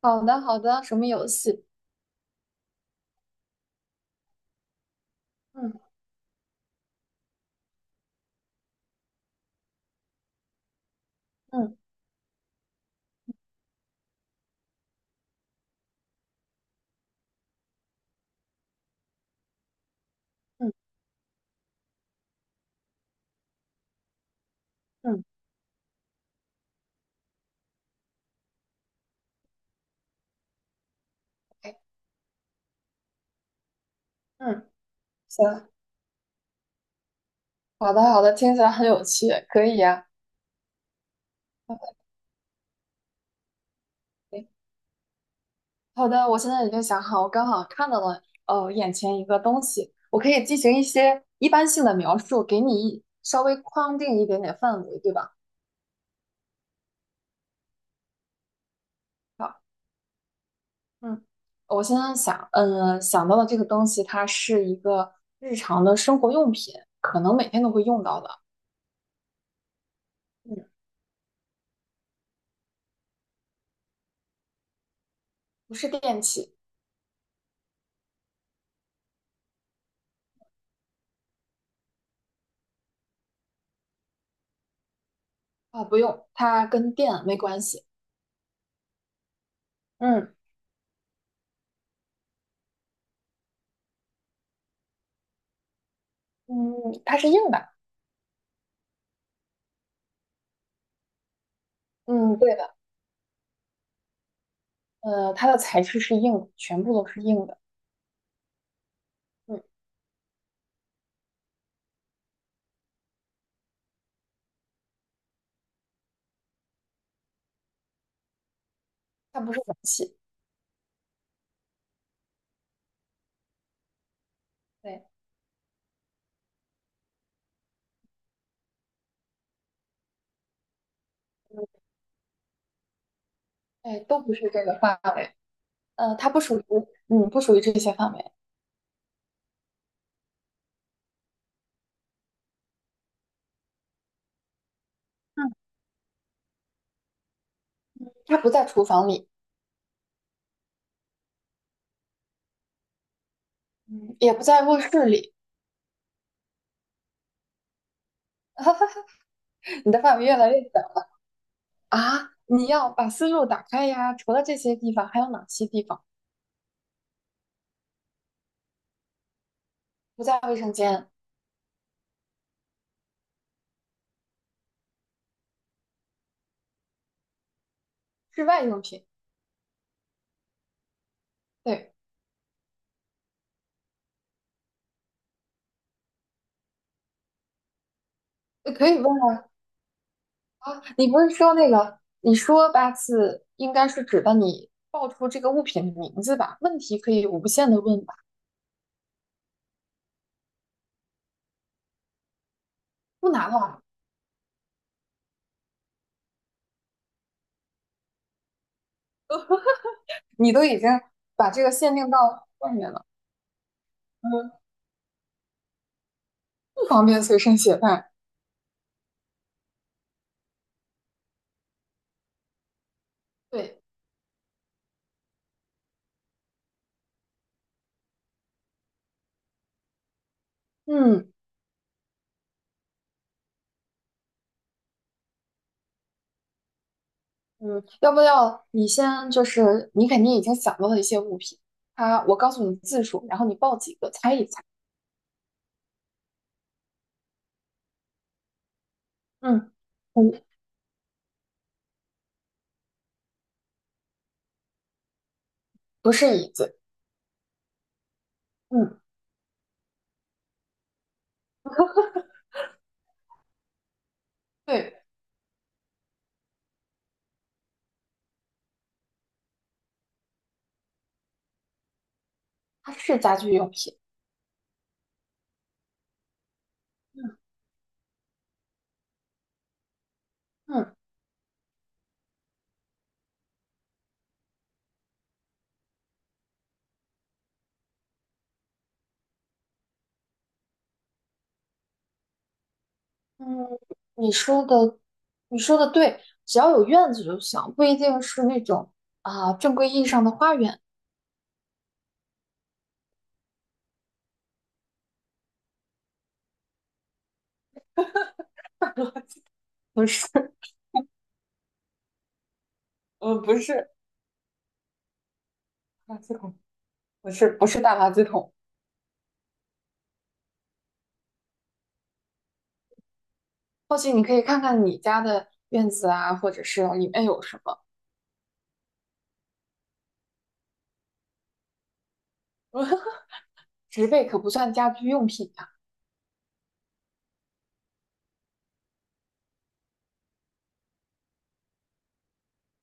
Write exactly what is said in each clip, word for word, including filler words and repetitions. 好的，好的，什么游戏？嗯嗯嗯嗯，哎，嗯，行，好的，好的，听起来很有趣，可以呀。OK，好的，我现在已经想好，我刚好看到了，呃，眼前一个东西，我可以进行一些一般性的描述，给你稍微框定一点点范围，对吧？好，嗯，我现在想，嗯、想到的这个东西，它是一个日常的生活用品，可能每天都会用到的，嗯，不是电器啊，不用，它跟电没关系。嗯嗯，它是硬的，嗯，对的，呃，它的材质是硬的，全部都是硬的，嗯，它不是容器，对，哎，都不是这个范围，呃，它不属于，嗯，不属于这些范围，嗯，它不在厨房里，嗯，也不在卧室里，你的范围越来越小啊，你要把思路打开呀，除了这些地方，还有哪些地方不在卫生间？室外用品，对，呃可以问啊，你不是说那个，你说八次应该是指的你报出这个物品的名字吧？问题可以无限的问吧？不难吧？你都已经把这个限定到外面了，嗯，不方便随身携带。对，嗯嗯，要不要你先就是你肯定已经想到了一些物品，它我告诉你字数，然后你报几个猜一猜。嗯，不不是椅子，嗯，对，它是家居用品。嗯嗯。嗯，你说的，你说的对，只要有院子就行，不一定是那种啊、正规意义上的花园。不是，呃，不是垃圾桶，不是，不是大垃圾桶。或许你可以看看你家的院子啊，或者是里面有什么。植被可不算家居用品呀、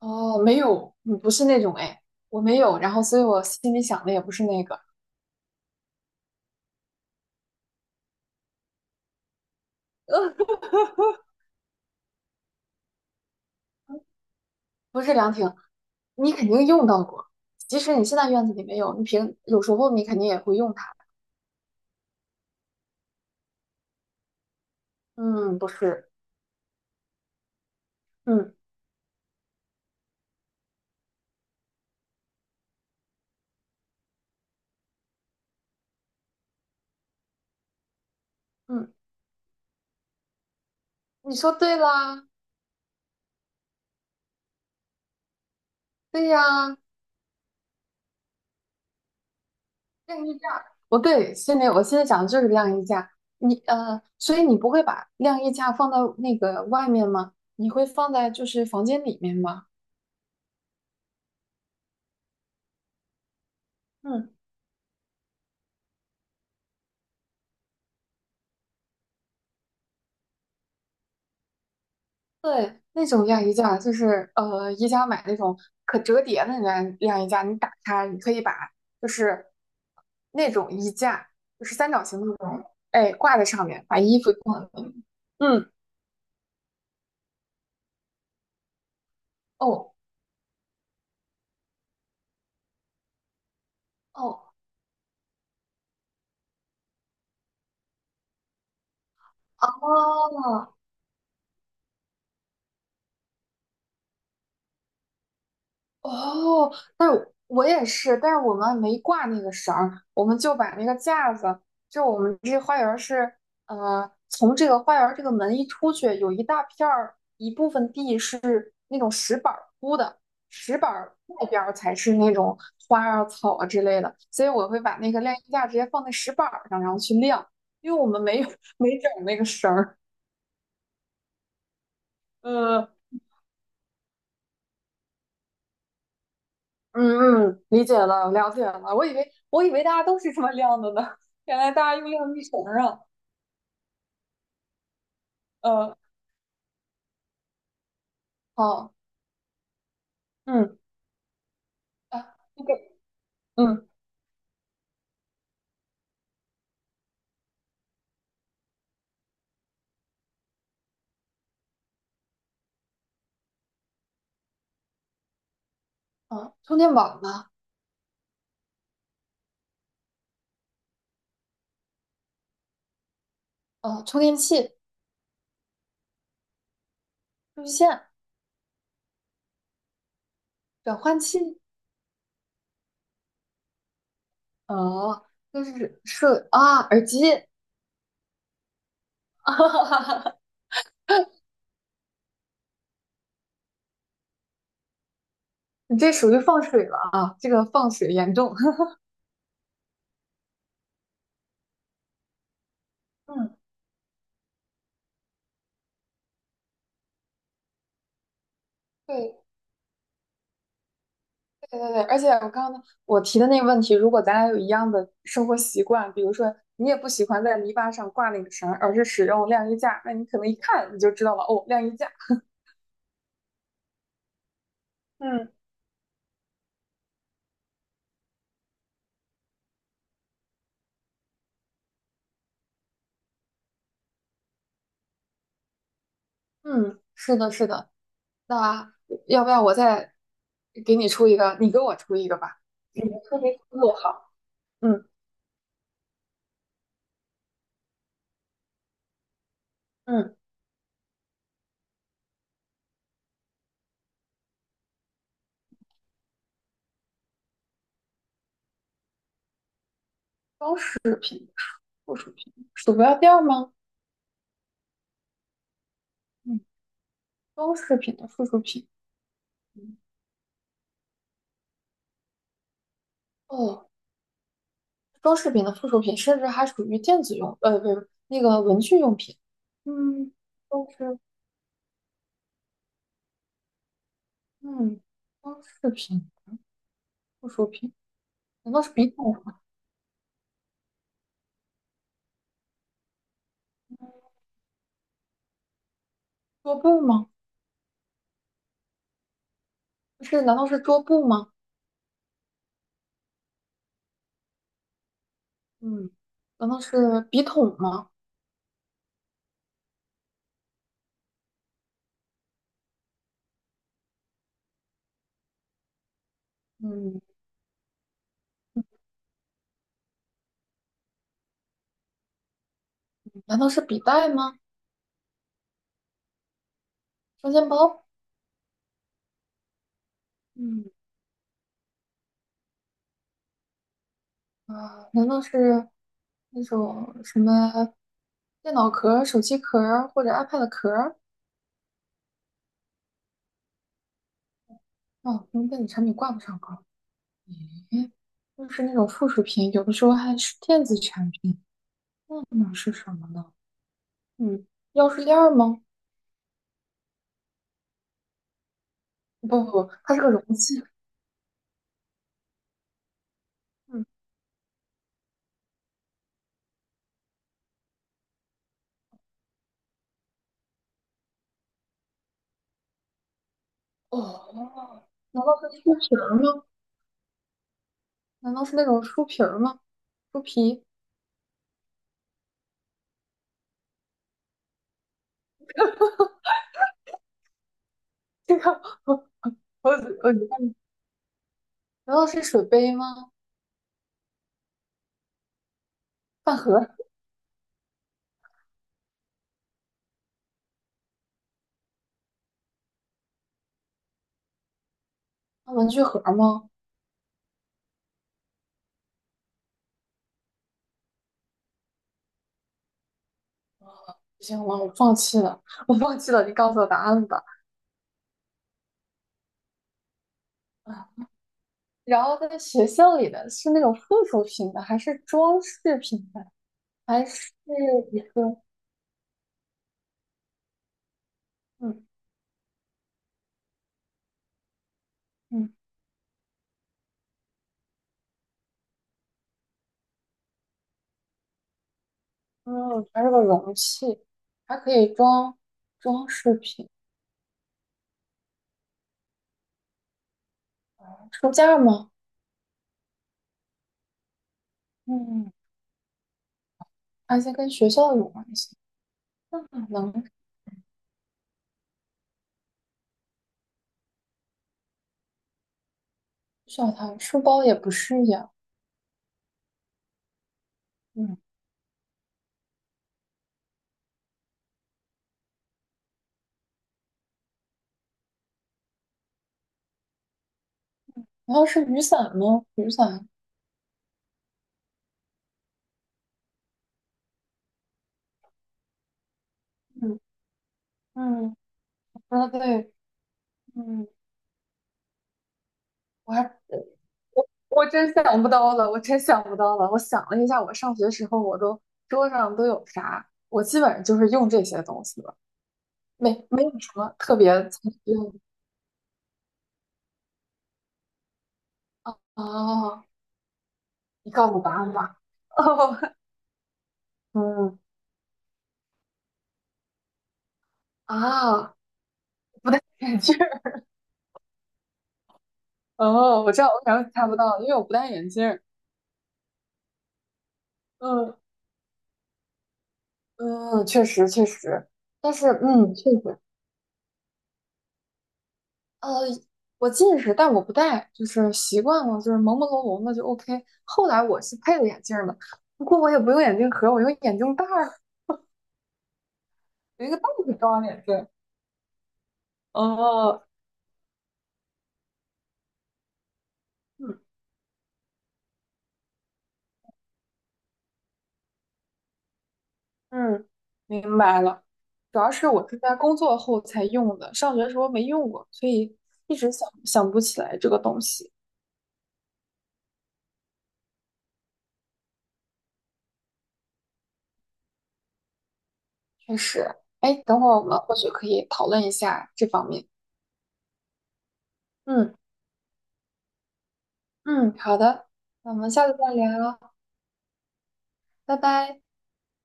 哦，没有，嗯不是那种哎，我没有，然后所以我心里想的也不是那个。不是凉亭，你肯定用到过。即使你现在院子里没有，你平有时候你肯定也会用它。嗯，不是，嗯嗯，你说对啦，对呀，晾衣架，不对，现在我现在讲的就是晾衣架，你呃，所以你不会把晾衣架放到那个外面吗？你会放在就是房间里面吗？嗯，对，那种晾衣架就是呃，宜家买那种可折叠的晾晾衣架，你打开，你可以把就是那种衣架，就是三角形的那种，哎，挂在上面，把衣服挂在上面。嗯，哦哦。哦哦，但是我也是，但是我们没挂那个绳儿，我们就把那个架子，就我们这花园儿是，呃，从这个花园儿这个门一出去，有一大片儿一部分地是那种石板儿铺的，石板儿外边儿才是那种花啊、草啊之类的，所以我会把那个晾衣架直接放在石板儿上，然后去晾，因为我们没有没整那个绳儿，呃，嗯嗯，理解了，了解了。我以为我以为大家都是这么亮的呢，原来大家用晾衣绳儿啊。呃，好，嗯啊，那个，嗯啊，充电宝吗？啊，充电器、数据线、转换器。哦，这是是啊，耳机。你这属于放水了啊，这个放水严重。嗯，对，对对对，而且我刚刚我提的那个问题，如果咱俩有一样的生活习惯，比如说你也不喜欢在篱笆上挂那个绳儿，而是使用晾衣架，那你可能一看你就知道了，哦，晾衣架。嗯嗯，是的，是的。那要不要我再给你出一个？你给我出一个吧。你的特别不好。嗯嗯，装饰品、附属品，鼠标垫儿吗？嗯，装饰品的附属品。哦，装饰品的附属品，甚至还属于电子用，呃，不是那个文具用品。嗯，都是，嗯，装饰品、附属品，难道是笔筒吗？桌布吗？不是，难道是桌布吗？嗯，难道是笔筒吗？嗯，难道是笔袋吗？双肩包？嗯，啊、难道是那种什么电脑壳、手机壳或者 iPad 壳？哦，跟电子产品挂不上钩。诶，就是那种附属品，有的时候还是电子产品，那能是什么呢？嗯，钥匙链儿吗？不不不，它是个容器。嗯，哦，难道是书皮儿吗？难道是那种书皮儿吗？书皮？这个 我我我，难道是水杯吗？饭盒？文具盒吗？不行了，我放弃了，我放弃了，你告诉我答案吧。啊，然后在学校里的是那种附属品的，还是装饰品的，还是？一个？嗯嗯，哦，它是个容器，还可以装装饰品，书架吗？嗯，而且跟学校有关系，那能要它书包也不是呀。嗯，然后是雨伞吗？雨伞，嗯嗯，啊对，嗯，我还我我真想不到了，我真想不到了。我想了一下，我上学时候我都桌上都有啥，我基本上就是用这些东西了，没没有什么特别才需要的哦你告诉我答案吧？哦，嗯啊，不戴眼镜儿。哦，我知道，我感觉猜不到，因为我不戴眼镜儿。嗯嗯，确实确实，但是嗯，确实，呃，我近视，但我不戴，就是习惯了，就是朦朦胧胧的就 OK。后来我是配了眼镜儿的，不过我也不用眼镜盒，我用眼镜袋儿，有一个袋子装眼镜。哦，嗯嗯，明白了。主要是我是在工作后才用的，上学时候没用过，所以一直想想不起来这个东西。确实，哎，等会儿我们或许可以讨论一下这方面。嗯嗯，好的，那我们下次再聊，拜拜。